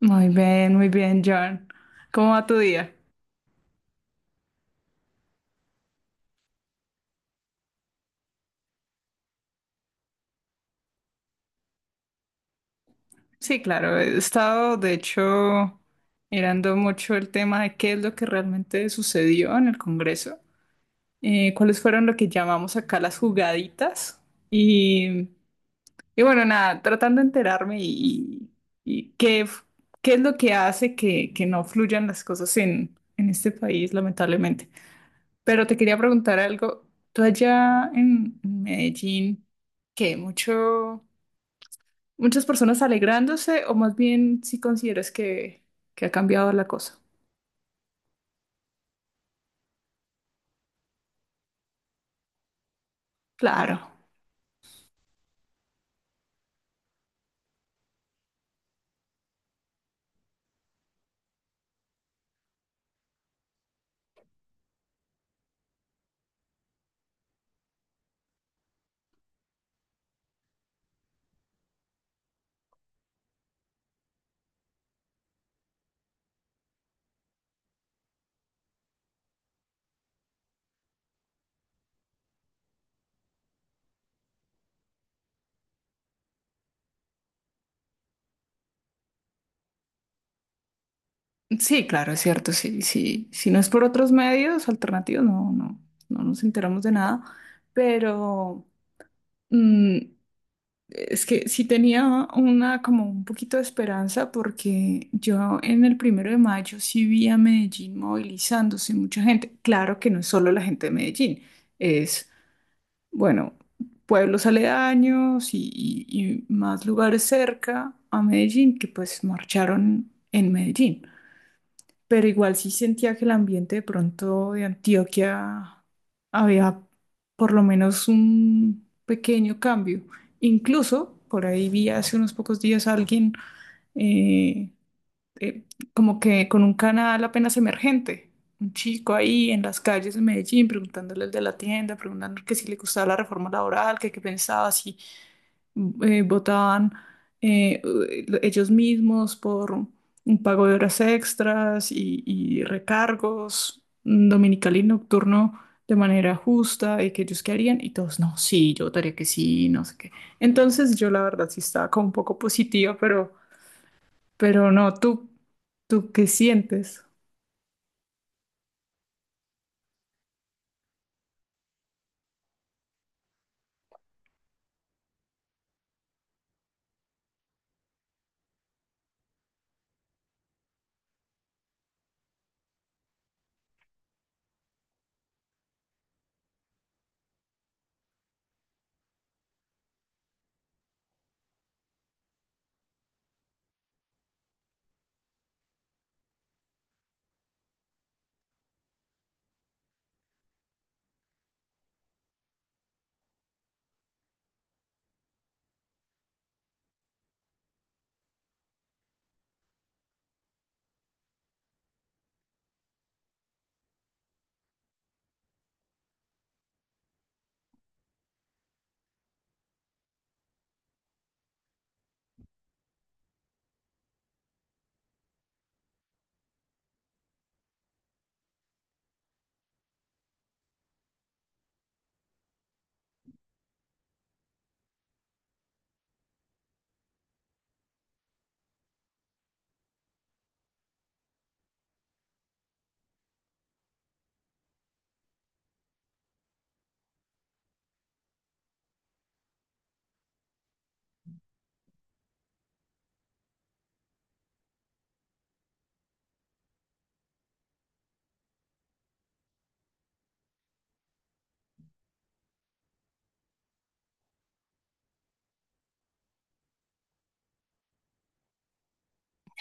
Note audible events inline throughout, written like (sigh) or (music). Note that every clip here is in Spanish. Muy bien, John. ¿Cómo va tu día? Sí, claro, he estado, de hecho, mirando mucho el tema de qué es lo que realmente sucedió en el Congreso, cuáles fueron lo que llamamos acá las jugaditas y, y bueno, nada, tratando de enterarme y qué es lo que hace que no fluyan las cosas en este país, lamentablemente. Pero te quería preguntar algo, tú allá en Medellín, ¿qué mucho? Muchas personas alegrándose, o más bien si consideras que ha cambiado la cosa. Claro, sí, claro, es cierto. Sí, sí. Si no es por otros medios alternativos, no nos enteramos de nada. Pero mm, es que sí tenía una como un poquito de esperanza porque yo en el 1.º de mayo sí vi a Medellín movilizándose mucha gente. Claro que no es solo la gente de Medellín, es Bueno, pueblos aledaños y más lugares cerca a Medellín que pues marcharon en Medellín. Pero igual sí sentía que el ambiente de pronto de Antioquia había por lo menos un pequeño cambio. Incluso por ahí vi hace unos pocos días a alguien eh, eh, como que con un canal apenas emergente. Un chico ahí en las calles de Medellín preguntándole al de la tienda, preguntando que si le gustaba la reforma laboral, que qué pensaba, si votaban eh, ellos mismos por un pago de horas extras y recargos dominical y nocturno de manera justa y que ellos qué harían y todos, no, sí, yo votaría que sí, no sé qué. Entonces yo la verdad sí estaba como un poco positiva. Pero no, tú qué sientes? (laughs)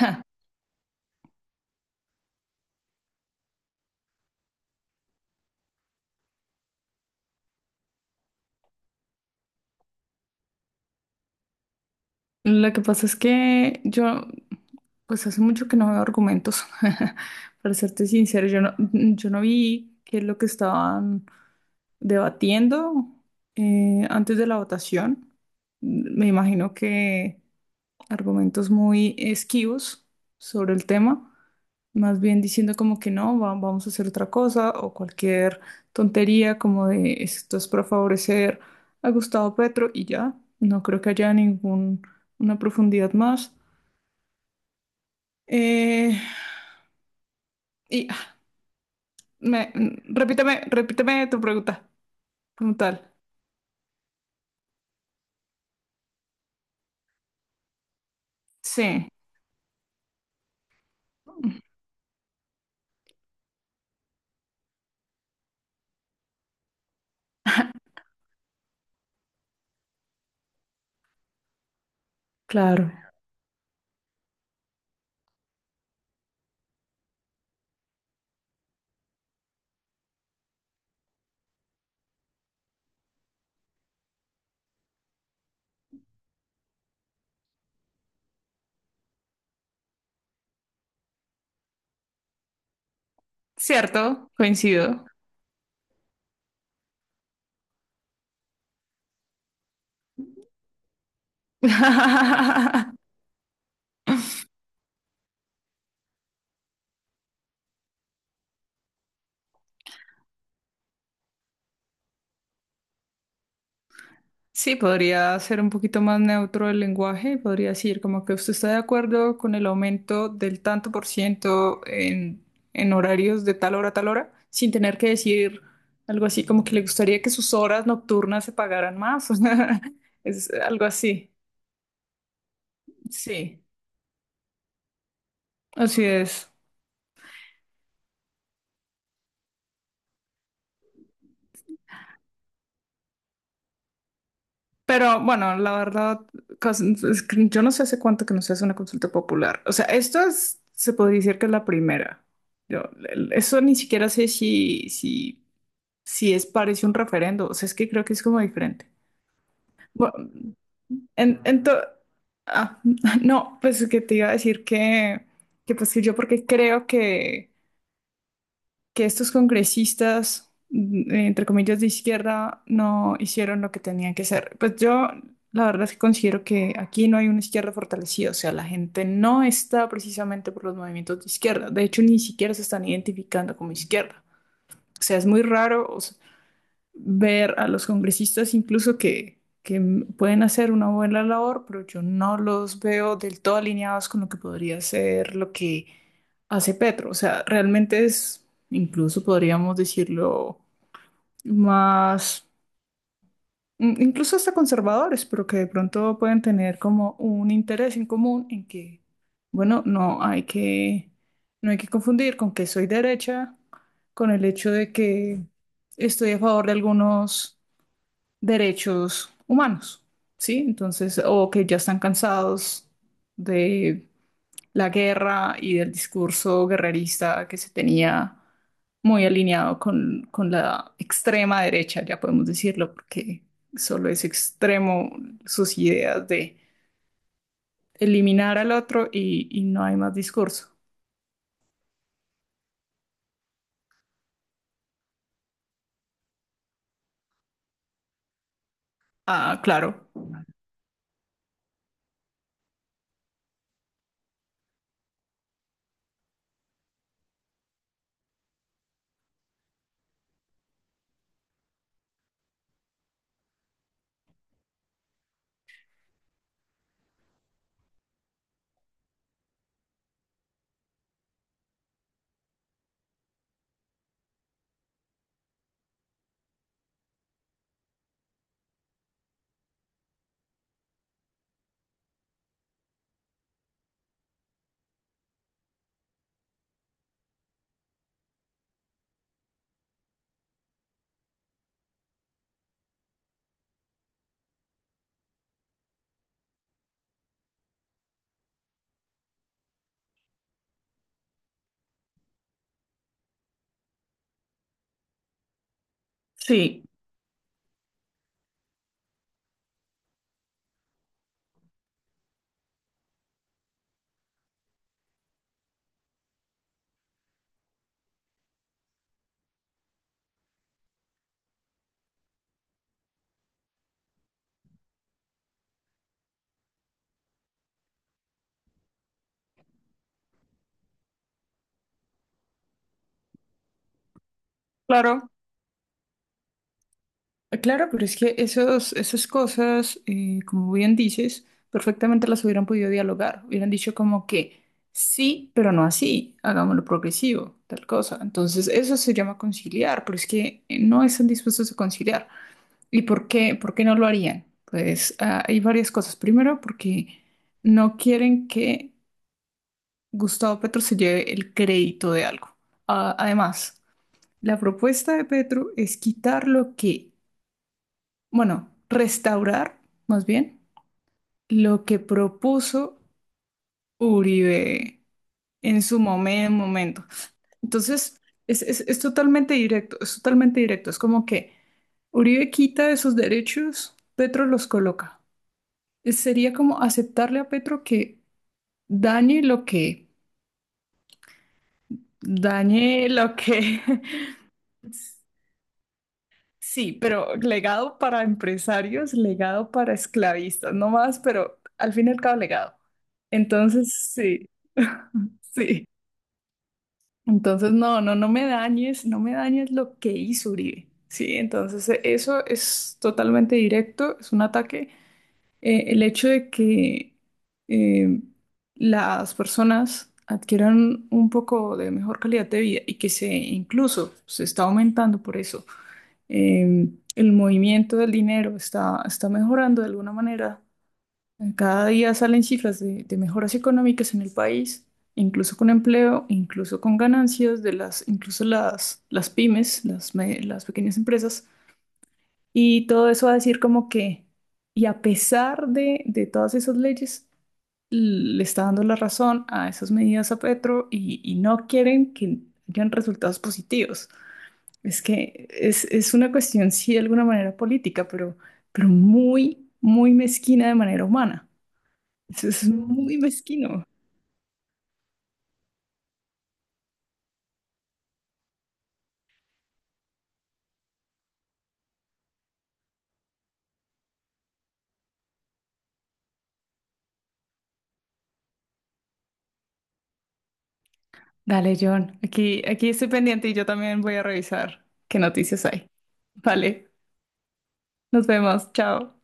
Ja. Lo que pasa es que yo, pues hace mucho que no veo argumentos. (laughs) Para serte sincero, yo no vi qué es lo que estaban debatiendo antes de la votación. Me imagino que argumentos muy esquivos sobre el tema, más bien diciendo como que no, vamos a hacer otra cosa o cualquier tontería como de esto es para favorecer a Gustavo Petro y ya, no creo que haya ningún una profundidad más. Eh, y repíteme tu pregunta como tal. Sí, claro. Cierto, coincido. (laughs) Sí, podría ser un poquito más neutro el lenguaje, podría decir como que usted está de acuerdo con el aumento del tanto por ciento en horarios de tal hora a tal hora, sin tener que decir algo así como que le gustaría que sus horas nocturnas se pagaran más, (laughs) o sea, es algo así. Sí, así es. Pero bueno, la verdad, cos- es que yo no sé hace cuánto que no se hace una consulta popular. O sea, se podría decir que es la primera. Yo- Eso ni siquiera sé si sí es, parece un referendo, o sea, es que creo que es como diferente. Bueno, en, en to- ah, (laughs) no, pues que te iba a decir que pues que yo porque creo que estos congresistas, entre comillas, de izquierda, no hicieron lo que tenían que hacer. Pues yo, la verdad es que considero que aquí no hay una izquierda fortalecida, o sea, la gente no está precisamente por los movimientos de izquierda, de hecho, ni siquiera se están identificando como izquierda. O sea, es muy raro, ver a los congresistas incluso que pueden hacer una buena labor, pero yo no los veo del todo alineados con lo que podría ser lo que hace Petro. O sea, realmente es, incluso podríamos decirlo, más, incluso hasta conservadores, pero que de pronto pueden tener como un interés en común en que, bueno, no hay que confundir con que soy derecha, con el hecho de que estoy a favor de algunos derechos humanos, ¿sí? Entonces, o que ya están cansados de la guerra y del discurso guerrerista que se tenía muy alineado con la extrema derecha, ya podemos decirlo, porque solo es extremo sus ideas de eliminar al otro y no hay más discurso. Ah, claro. Sí, claro. Claro, pero es que esas cosas, como bien dices, perfectamente las hubieran podido dialogar. Hubieran dicho como que sí, pero no así, hagámoslo progresivo, tal cosa. Entonces, eso se llama conciliar, pero es que no están dispuestos a conciliar. ¿Y por qué? ¿Por qué no lo harían? Pues hay varias cosas. Primero, porque no quieren que Gustavo Petro se lleve el crédito de algo. Además, la propuesta de Petro es quitar lo que bueno, restaurar más bien lo que propuso Uribe en su momento. Entonces, es totalmente directo, es totalmente directo. Es como que Uribe quita esos derechos, Petro los coloca. Sería como aceptarle a Petro que dañe lo que, dañe lo que. (laughs) Sí, pero legado para empresarios, legado para esclavistas, no más, pero al fin y al cabo legado. Entonces, sí, (laughs) sí. Entonces, no, no, no me dañes, no me dañes lo que hizo Uribe. Sí, entonces eso es totalmente directo, es un ataque. El hecho de que eh, las personas adquieran un poco de mejor calidad de vida y que se incluso se está aumentando por eso. eh, el movimiento del dinero está mejorando de alguna manera. Cada día salen cifras de mejoras económicas en el país, incluso con empleo, incluso con ganancias de las, incluso las pymes, las pequeñas empresas. Y todo eso va a decir como que, y a pesar de todas esas leyes, le está dando la razón a esas medidas a Petro y no quieren que hayan resultados positivos. Es que es, una cuestión, sí, de alguna manera política, pero muy, muy mezquina de manera humana. Eso es muy mezquino. Dale, John, aquí estoy pendiente y yo también voy a revisar qué noticias hay. Vale, nos vemos, chao.